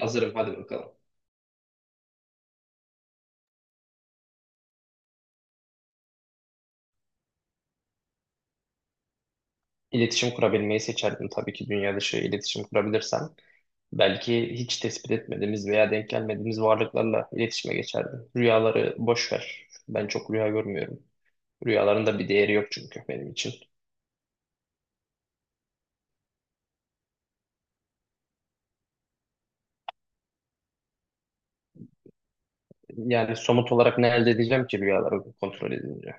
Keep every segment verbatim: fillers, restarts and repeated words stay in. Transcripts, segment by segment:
Hazırım, hadi bakalım. İletişim kurabilmeyi seçerdim tabii ki, dünya dışı iletişim kurabilirsem. Belki hiç tespit etmediğimiz veya denk gelmediğimiz varlıklarla iletişime geçerdim. Rüyaları boş ver. Ben çok rüya görmüyorum. Rüyaların da bir değeri yok çünkü benim için. Yani somut olarak ne elde edeceğim ki rüyaları kontrol edince?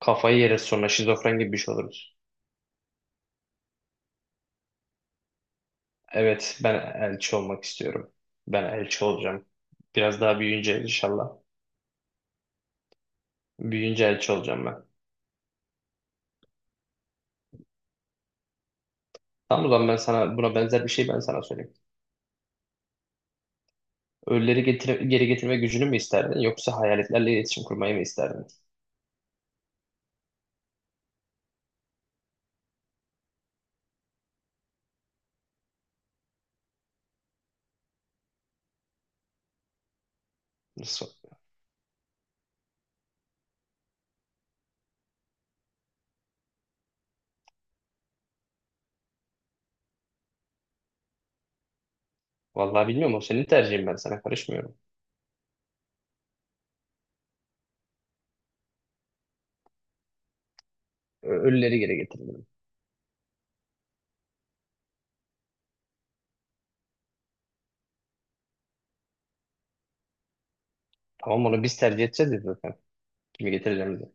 Kafayı yeriz sonra, şizofren gibi bir şey oluruz. Evet, ben elçi olmak istiyorum. Ben elçi olacağım. Biraz daha büyüyünce inşallah. Büyüyünce elçi olacağım ben. Tamam, o zaman ben sana buna benzer bir şey ben sana söyleyeyim. Ölüleri getire- geri getirme gücünü mü isterdin yoksa hayaletlerle iletişim kurmayı mı isterdin? Nasıl? Vallahi bilmiyorum, o senin tercihin, ben sana karışmıyorum. Ö- Ölüleri geri getirdim. Tamam, onu biz tercih edeceğiz ya zaten. Kimi getireceğim diye.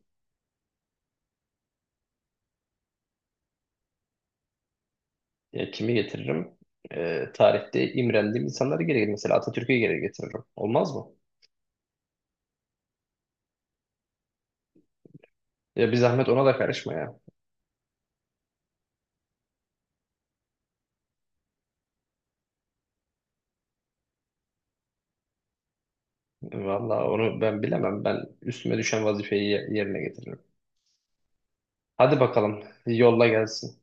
Ya kimi getiririm? Ee, tarihte imrendiğim insanları geri getiririm. Mesela Atatürk'ü geri getiririm. Olmaz mı? Ya bir zahmet ona da karışma ya. Vallahi onu ben bilemem. Ben üstüme düşen vazifeyi ye- yerine getiririm. Hadi bakalım, yolla gelsin.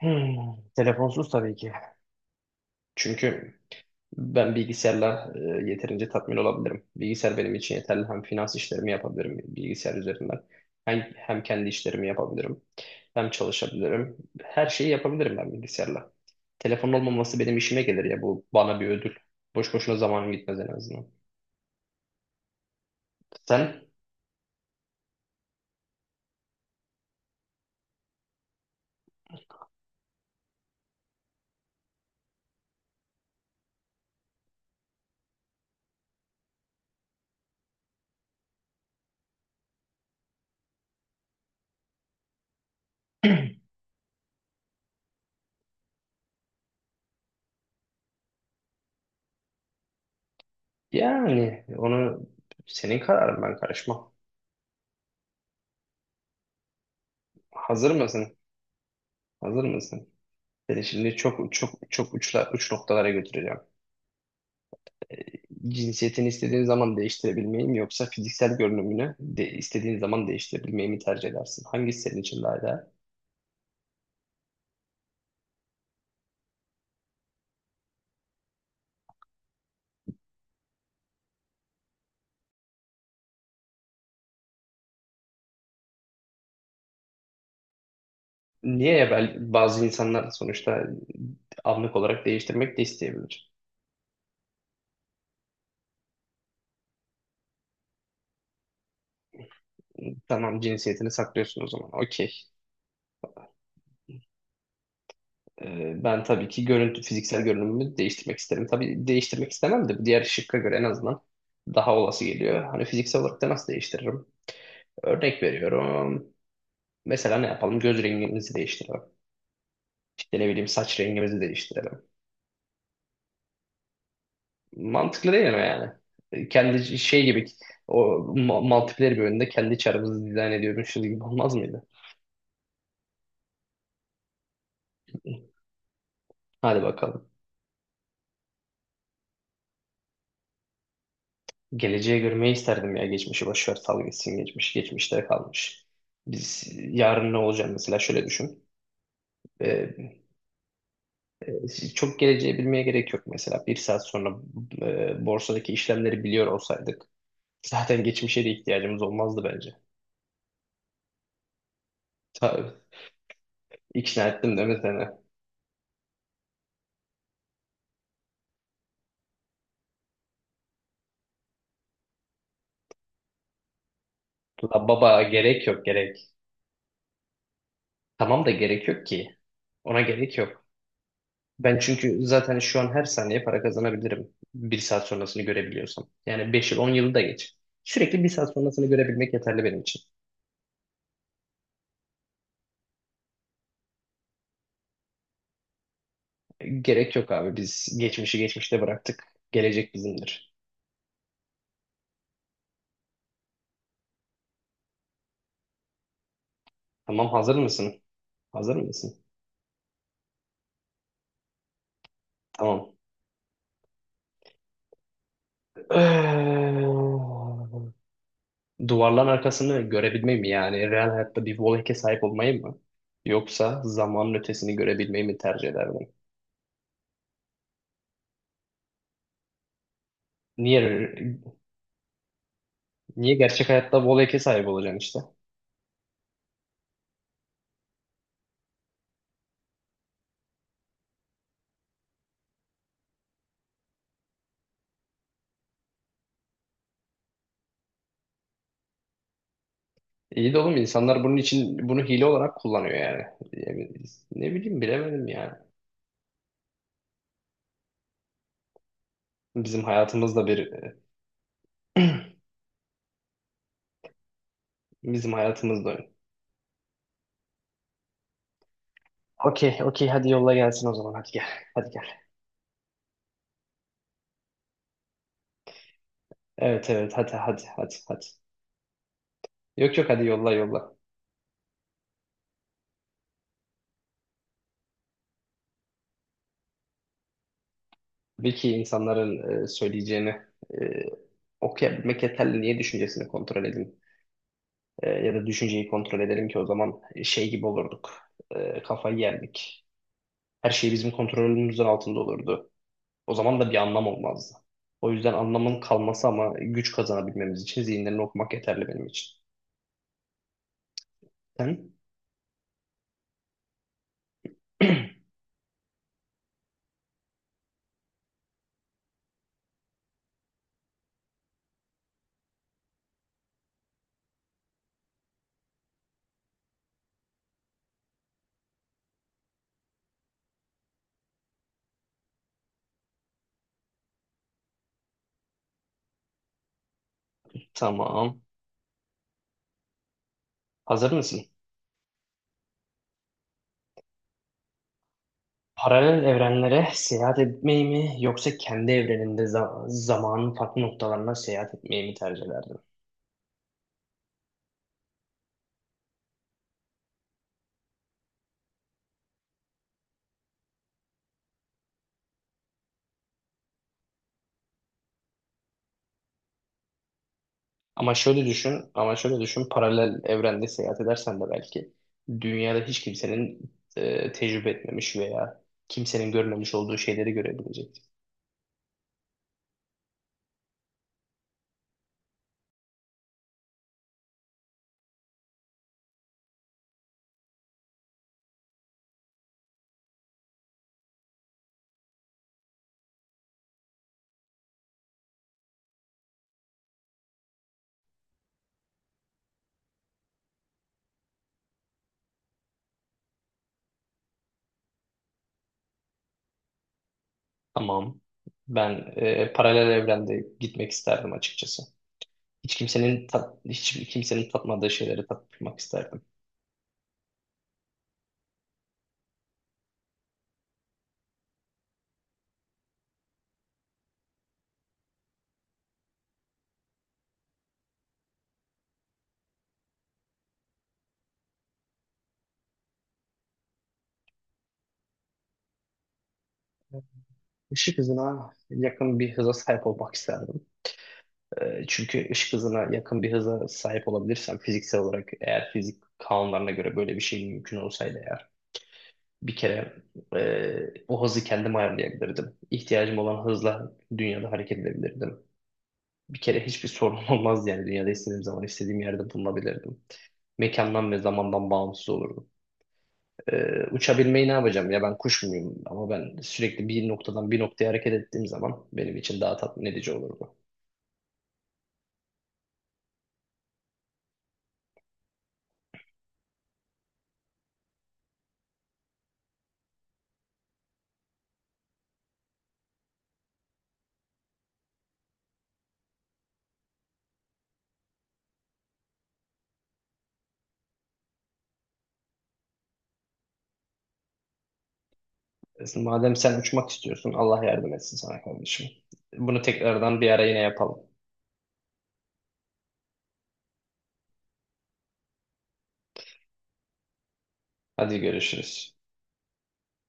Hmm, Telefonsuz tabii ki. Çünkü ben bilgisayarla e, yeterince tatmin olabilirim. Bilgisayar benim için yeterli. Hem finans işlerimi yapabilirim bilgisayar üzerinden. Hem, hem kendi işlerimi yapabilirim. Hem çalışabilirim. Her şeyi yapabilirim ben bilgisayarla. Telefonun olmaması benim işime gelir ya. Bu bana bir ödül. Boş boşuna zamanım gitmez en azından. Sen yani onu, senin kararın, ben karışmam. Hazır mısın? Hazır mısın? Seni şimdi çok çok çok uçla, uç noktalara götüreceğim. Cinsiyetini istediğin zaman değiştirebilmeyi mi yoksa fiziksel görünümünü de istediğin zaman değiştirebilmeyi mi tercih edersin? Hangisi senin için daha değerli? Niye ya, bel- bazı insanlar sonuçta anlık olarak değiştirmek de isteyebilir. Tamam, cinsiyetini saklıyorsun o zaman. Okey. Ee, ben tabii ki görüntü, fiziksel görünümümü değiştirmek isterim. Tabii değiştirmek istemem de bu, diğer şıkka göre en azından daha olası geliyor. Hani fiziksel olarak da nasıl değiştiririm? Örnek veriyorum. Mesela ne yapalım? Göz rengimizi değiştirelim. İşte ne bileyim, saç rengimizi değiştirelim. Mantıklı değil mi yani? E, Kendi şey gibi, o ma- multiplayer bir oyunda kendi çarımızı dizayn ediyormuşuz gibi olmaz mıydı? Hadi bakalım. Geleceğe görmeyi isterdim ya. Geçmişi boş ver, sal gitsin geçmiş. Geçmişte kalmış. Biz yarın ne olacak mesela, şöyle düşün. Ee, Çok geleceği bilmeye gerek yok mesela. Bir saat sonra e, borsadaki işlemleri biliyor olsaydık zaten geçmişe de ihtiyacımız olmazdı bence. Tabii. İkna ettim değil mi seni? La baba, gerek yok gerek. Tamam da gerek yok ki. Ona gerek yok. Ben çünkü zaten şu an her saniye para kazanabilirim. Bir saat sonrasını görebiliyorsam. Yani beş yıl on yılı da geç. Sürekli bir saat sonrasını görebilmek yeterli benim için. Gerek yok abi. Biz geçmişi geçmişte bıraktık. Gelecek bizimdir. Tamam, hazır mısın? Hazır mısın? Tamam. Ee, Duvarların arkasını görebilmeyi mi yani? Real hayatta bir Wallhack'e sahip olmayı mı? Yoksa zamanın ötesini görebilmeyi mi tercih ederdin? Niye niye gerçek hayatta Wallhack'e sahip olacaksın işte? İyi de oğlum, insanlar bunun için bunu hile olarak kullanıyor yani. Yani ne bileyim, bilemedim yani. Bizim hayatımızda bir Bizim hayatımızda. Okey, okey, hadi yolla gelsin o zaman, hadi gel. Hadi gel. Evet, evet, hadi hadi hadi hadi. Yok, yok, hadi yolla yolla. Tabii insanların e, söyleyeceğini e, okuyabilmek yeterli. Niye düşüncesini kontrol edin? E, ya da düşünceyi kontrol edelim ki, o zaman şey gibi olurduk. E, kafayı yerdik. Her şey bizim kontrolümüzün altında olurdu. O zaman da bir anlam olmazdı. O yüzden anlamın kalması ama güç kazanabilmemiz için zihinlerini okumak yeterli benim için. Sen? Tamam. Hazır mısın? Paralel evrenlere seyahat etmeyi mi yoksa kendi evreninde za- zamanın farklı noktalarına seyahat etmeyi mi tercih ederdin? Ama şöyle düşün, ama şöyle düşün, paralel evrende seyahat edersen de belki dünyada hiç kimsenin e, tecrübe etmemiş veya kimsenin görmemiş olduğu şeyleri görebilecek. Tamam. Ben, e, paralel evrende gitmek isterdim açıkçası. Hiç kimsenin tat, hiç kimsenin tatmadığı şeyleri tatmak isterdim. Işık hızına yakın bir hıza sahip olmak isterdim. E, çünkü ışık hızına yakın bir hıza sahip olabilirsem, fiziksel olarak, eğer fizik kanunlarına göre böyle bir şey mümkün olsaydı, eğer bir kere e, o hızı kendim ayarlayabilirdim. İhtiyacım olan hızla dünyada hareket edebilirdim. Bir kere hiçbir sorun olmazdı, yani dünyada istediğim zaman istediğim yerde bulunabilirdim. Mekandan ve zamandan bağımsız olurdu. Ee, uçabilmeyi ne yapacağım ya, ben kuş muyum? Ama ben sürekli bir noktadan bir noktaya hareket ettiğim zaman benim için daha tatmin edici olurdu. E, Madem sen uçmak istiyorsun, Allah yardım etsin sana kardeşim. Bunu tekrardan bir ara yine yapalım. Hadi görüşürüz.